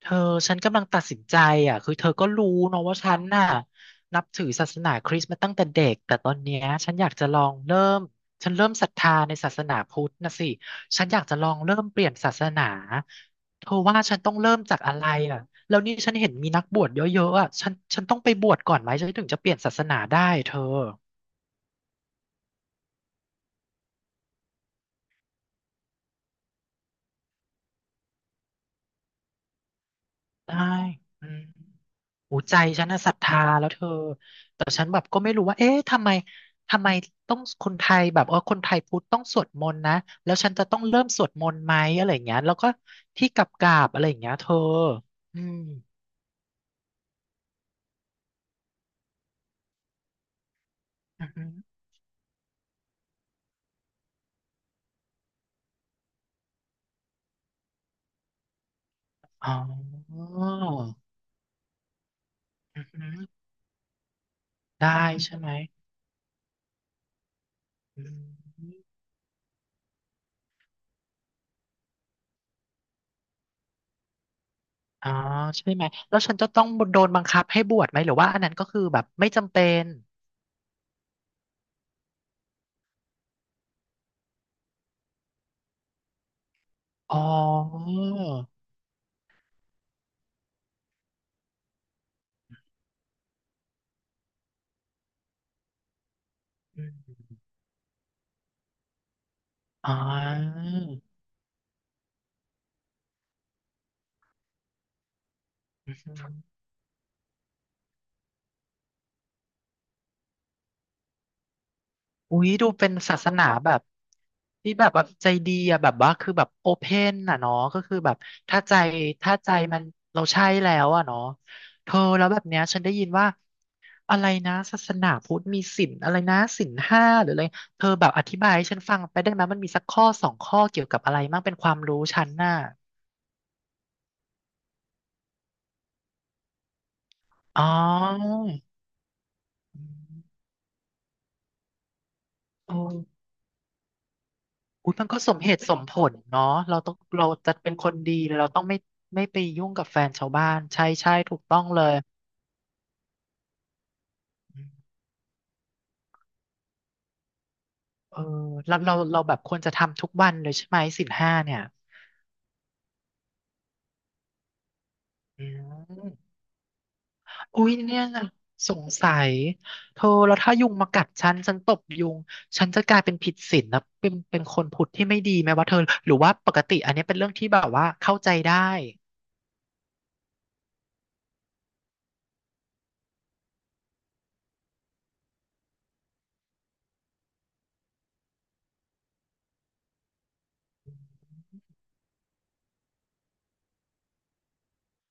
เธอฉันกำลังตัดสินใจอ่ะคือเธอก็รู้เนอะว่าฉันน่ะนับถือศาสนาคริสต์มาตั้งแต่เด็กแต่ตอนเนี้ยฉันอยากจะลองเริ่มฉันเริ่มศรัทธาในศาสนาพุทธนะสิฉันอยากจะลองเริ่มเปลี่ยนศาสนาเธอว่าฉันต้องเริ่มจากอะไรอ่ะแล้วนี่ฉันเห็นมีนักบวชเยอะๆอ่ะฉันต้องไปบวชก่อนไหมฉันถึงจะเปลี่ยนศาสนาได้เธอได้อืม หูใจฉันน่ะศรัทธาแล้วเธอแต่ฉันแบบก็ไม่รู้ว่าเอ๊ะทำไมทำไมต้องคนไทยแบบเออคนไทยพุทธต้องสวดมนต์นะแล้วฉันจะต้องเริ่มสวดมนต์ไหมอะไรอย่างเงี้ยแล้วก็ที่กราบๆอะไรอย่างเงี้ยเธออืมอือหืออ๋ออือหือได้ใช่ไหมอืมอ๋อใช่ไหมแล้วฉันจะต้องโดนบังคับให้บวชไหมหรือว่าอันนั้นก็คือแบบไม่จำเป็นอ๋ออืมอ๋อ อุ๊ยดูเป็นศาสนาแบบที่แบบว่าใจดีอะแบบว่าคือแบบโอเพนอ่ะเนาะก็คือแบบถ้าใจถ้าใจมันเราใช่แล้วอะเนาะเธอแล้วแบบเนี้ยฉันได้ยินว่าอะไรนะศาสนาพุทธมีศีลอะไรนะศีลห้าหรืออะไรเธอแบบอธิบายให้ฉันฟังไปได้ไหมมันมีสักข้อสองข้อเกี่ยวกับอะไรมั่งเป็นความรู้ฉันน่ะอ๋อโอ้ อุ๊ยมันก็สมเหตุสมผลเนาะเราต้องเราจะเป็นคนดีเราต้องไม่ไม่ไปยุ่งกับแฟนชาวบ้านใช่ใช่ถูกต้องเลยเออเราแบบควรจะทำทุกวันเลยใช่ไหมศีลห้าเนี่ยอืมอุ๊ยเนี่ยสงสัยเธอแล้วถ้ายุงมากัดฉันฉันตบยุงฉันจะกลายเป็นผิดศีลนะเป็นคนผุดที่ไม่ดีไหมวะเธอหรือว่าปกติอันนี้เป็นเรื่องที่แบบว่าเข้าใจได้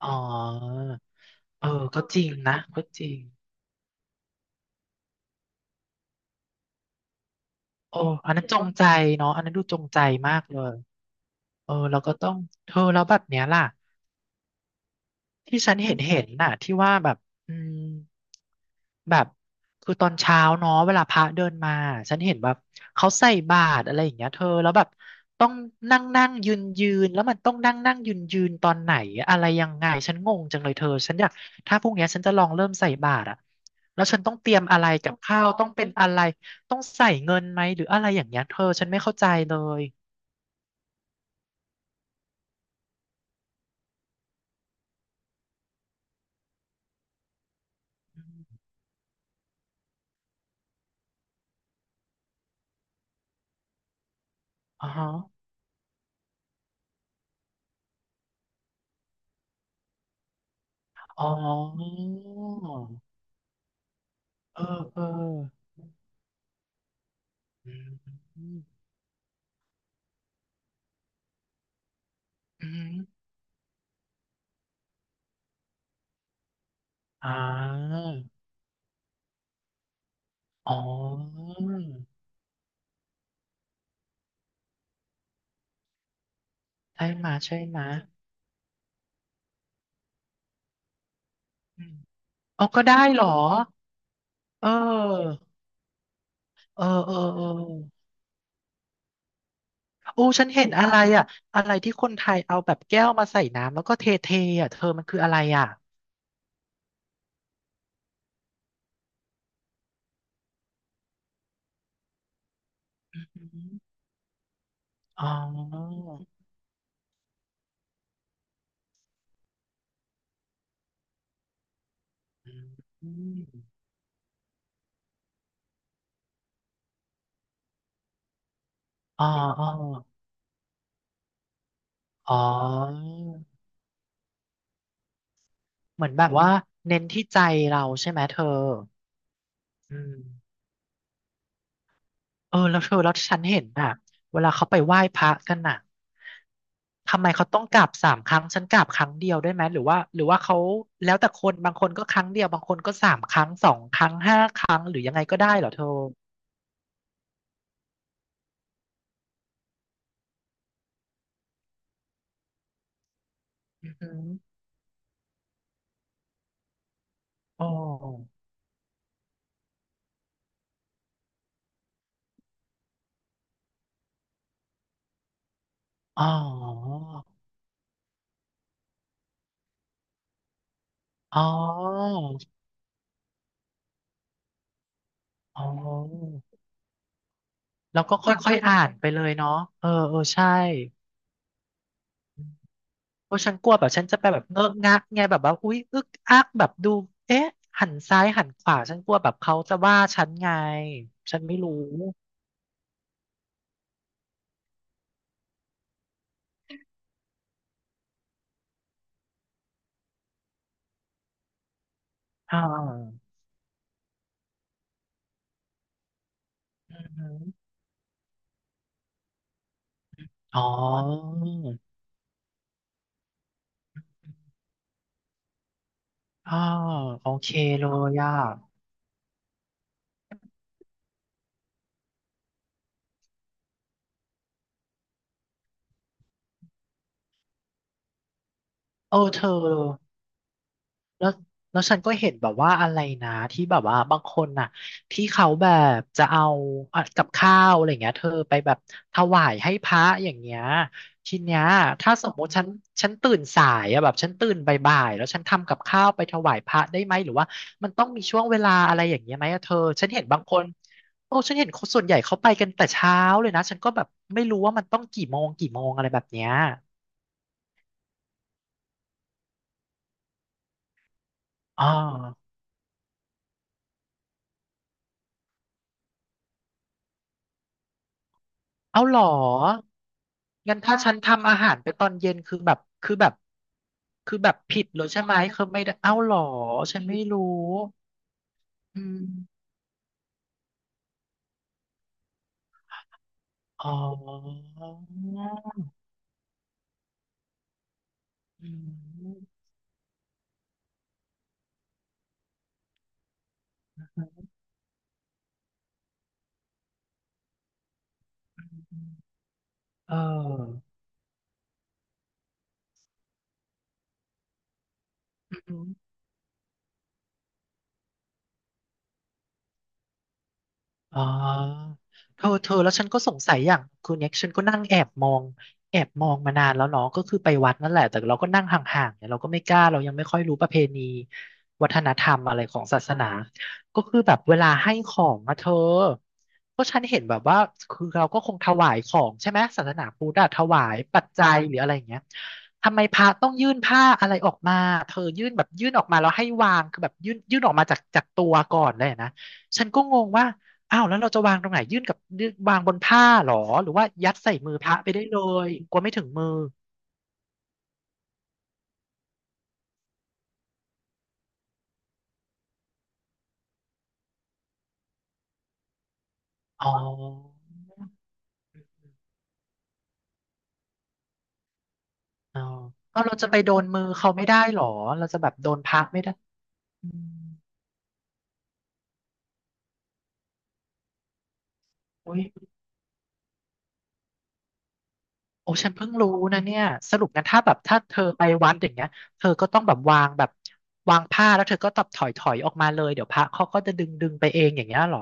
อ๋อเออก็จริงนะก็จริง โอ้อันนั้นจงใจเนาะอันนั้นดูจงใจมากเลยเออแล้วก็ต้องเธอแล้วแบบเนี้ยล่ะที่ฉันเห็นน่ะที่ว่าแบบอืมแบบคือตอนเช้าเนาะเวลาพระเดินมาฉันเห็นแบบเขาใส่บาตรอะไรอย่างเงี้ยเธอแล้วแบบต้องนั่งนั่งยืนยืนแล้วมันต้องนั่งนั่งยืนยืนตอนไหนอะไรยังไงฉันงงจังเลยเธอฉันอยากถ้าพรุ่งเนี้ยฉันจะลองเริ่มใส่บาตรอะแล้วฉันต้องเตรียมอะไรกับข้าวต้องเป็นอะไรต้องใส่อ่ออ อ๋อเออเอออืมอืมอืมอ่าอ๋อใช่มาใช่มาอืมเอาก็ได้เหรอเออเออเออเออโอ้ฉันเห็นอะไรอ่ะอะไรที่คนไทยเอาแบบแก้วมาใส่น้ำแล้วก็เทเทอ่ะเธอมันคืออะไรอ่ะอืมอ๋ออืมอ๋ออ๋ออ๋อเหมือนแบบว่าเน้นที่ใจเราใช่ไหมเธออืม เออแล้วเธอแล้วฉันเห็นอ่ะเวลาเขาไปไหว้พระกันน่ะทำไมเขาต้องกราบสามครั้งฉันกราบครั้งเดียวได้ไหมหรือว่าหรือว่าเขาแล้วแต่คนบางคนก็ครั้งเดียวบางคนก็สามครั้งสองครั้งห้าครั้งหรือยังไงก็ได้เหรอเธออือหืออ๋ออ๋ออ๋ออ๋อแล้วก็ค่อยๆอ่านไปเลยเนาะเออเออใช่ โอ้ฉันกลัวแบบฉันจะไปแบบเงอะงะกไงแบบว่าอุ๊ยอึกอักแบบดูเอ๊ะหันซ้ายหันขวาฉันกลัวแบบเขาจะว่าฉันไงฉันไม่รู้อ่าอือหืออ๋ออ๋อโอเคเลยอ่ะเออเธอ แล้วแล้วฉันก็เห็นแบบว่าอะไรนะที่แบบว่าบางคนน่ะที่เขาแบบจะเอาอ่ะกับข้าวอะไรเงี้ยเธอไปแบบถวายให้พระอย่างเงี้ยทีเนี้ยถ้าสมมติฉันฉันตื่นสายอะแบบฉันตื่นบ่ายๆแล้วฉันทำกับข้าวไปถวายพระได้ไหมหรือว่ามันต้องมีช่วงเวลาอะไรอย่างเงี้ยไหมอะเธอฉันเห็นบางคนโอ้ฉันเห็นคนส่วนใหญ่เขาไปกันแต่เช้าเลยนะฉันก็แบบไม่รู้ว่ามันต้องกี่โมงอะไรแบบเนี้ยอ๋อ เอาเหรอ งั้นถ้าฉันทำอาหารไปตอนเย็นคือแบบผิดเลยใช่ไหมคือไม่ได้เอาเหรอ ฉันไม่รู้อืมอ๋ออืมเออ อ๋อเธอเธอแล้วฉันก็สงสัยอย่างคือเนี่ยฉันก็นั่งแอบมองแอบมองมานานแล้วเนาะก็คือไปวัดนั่นแหละแต่เราก็นั่งห่างๆเนี่ยเราก็ไม่กล้าเรายังไม่ค่อยรู้ประเพณีวัฒนธรรมอะไรของศาสนาก็คือแบบเวลาให้ของอะเธอก็ฉันเห็นแบบว่าคือเราก็คงถวายของใช่ไหมศาสนาพุทธอะถวายปัจจัยหรืออะไรอย่างเงี้ยทำไมพระต้องยื่นผ้าอะไรออกมาเธอยื่นแบบยื่นออกมาแล้วให้วางคือแบบยื่นออกมาจากตัวก่อนเลยนะฉันก็งงว่า อ้าวแล้วเราจะวางตรงไหนยื่นกับยื่นวางบนผ้าเหรอหรือว่ายัดใส่มือพระไปได้เลยกลัวไม่ถึงมืออ๋ออ๋อเอาเราจะไปโดนมือเขาไม่ได้หรอเราจะแบบโดนพระไม่ได้อืมโอ้ยโอ้ฉันเพิ่งรู้นะเนี่ยสรุปงั้นถ้าแบบถ้าเธอไปวัดอย่างเงี้ยเธอก็ต้องแบบวางแบบวางผ้าแล้วเธอก็ตับถอยออกมาเลยเดี๋ยวพระเขาก็จะดึงไปเองอย่างเงี้ยหรอ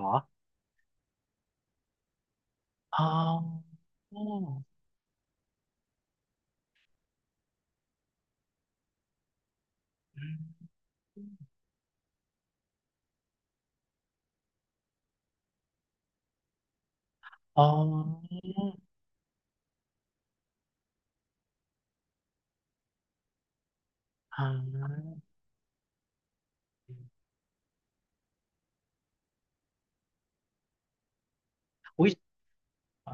อ๋ออ๋ออ๋ออาอุ้ย อ่า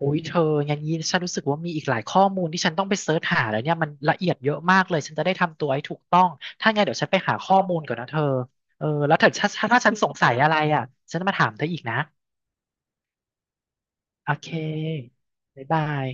อุ้ยเธออย่างนี้ฉันรู้สึกว่ามีอีกหลายข้อมูลที่ฉันต้องไปเสิร์ชหาแล้วเนี่ยมันละเอียดเยอะมากเลยฉันจะได้ทำตัวให้ถูกต้อง ถ้าไงเดี๋ยวฉันไปหาข้อมูลก่อนนะเธอ เออแล้วถ้าฉันสงสัยอะไรอ่ะฉันจะมาถามเธออีกนะ โอเคบ๊ายบาย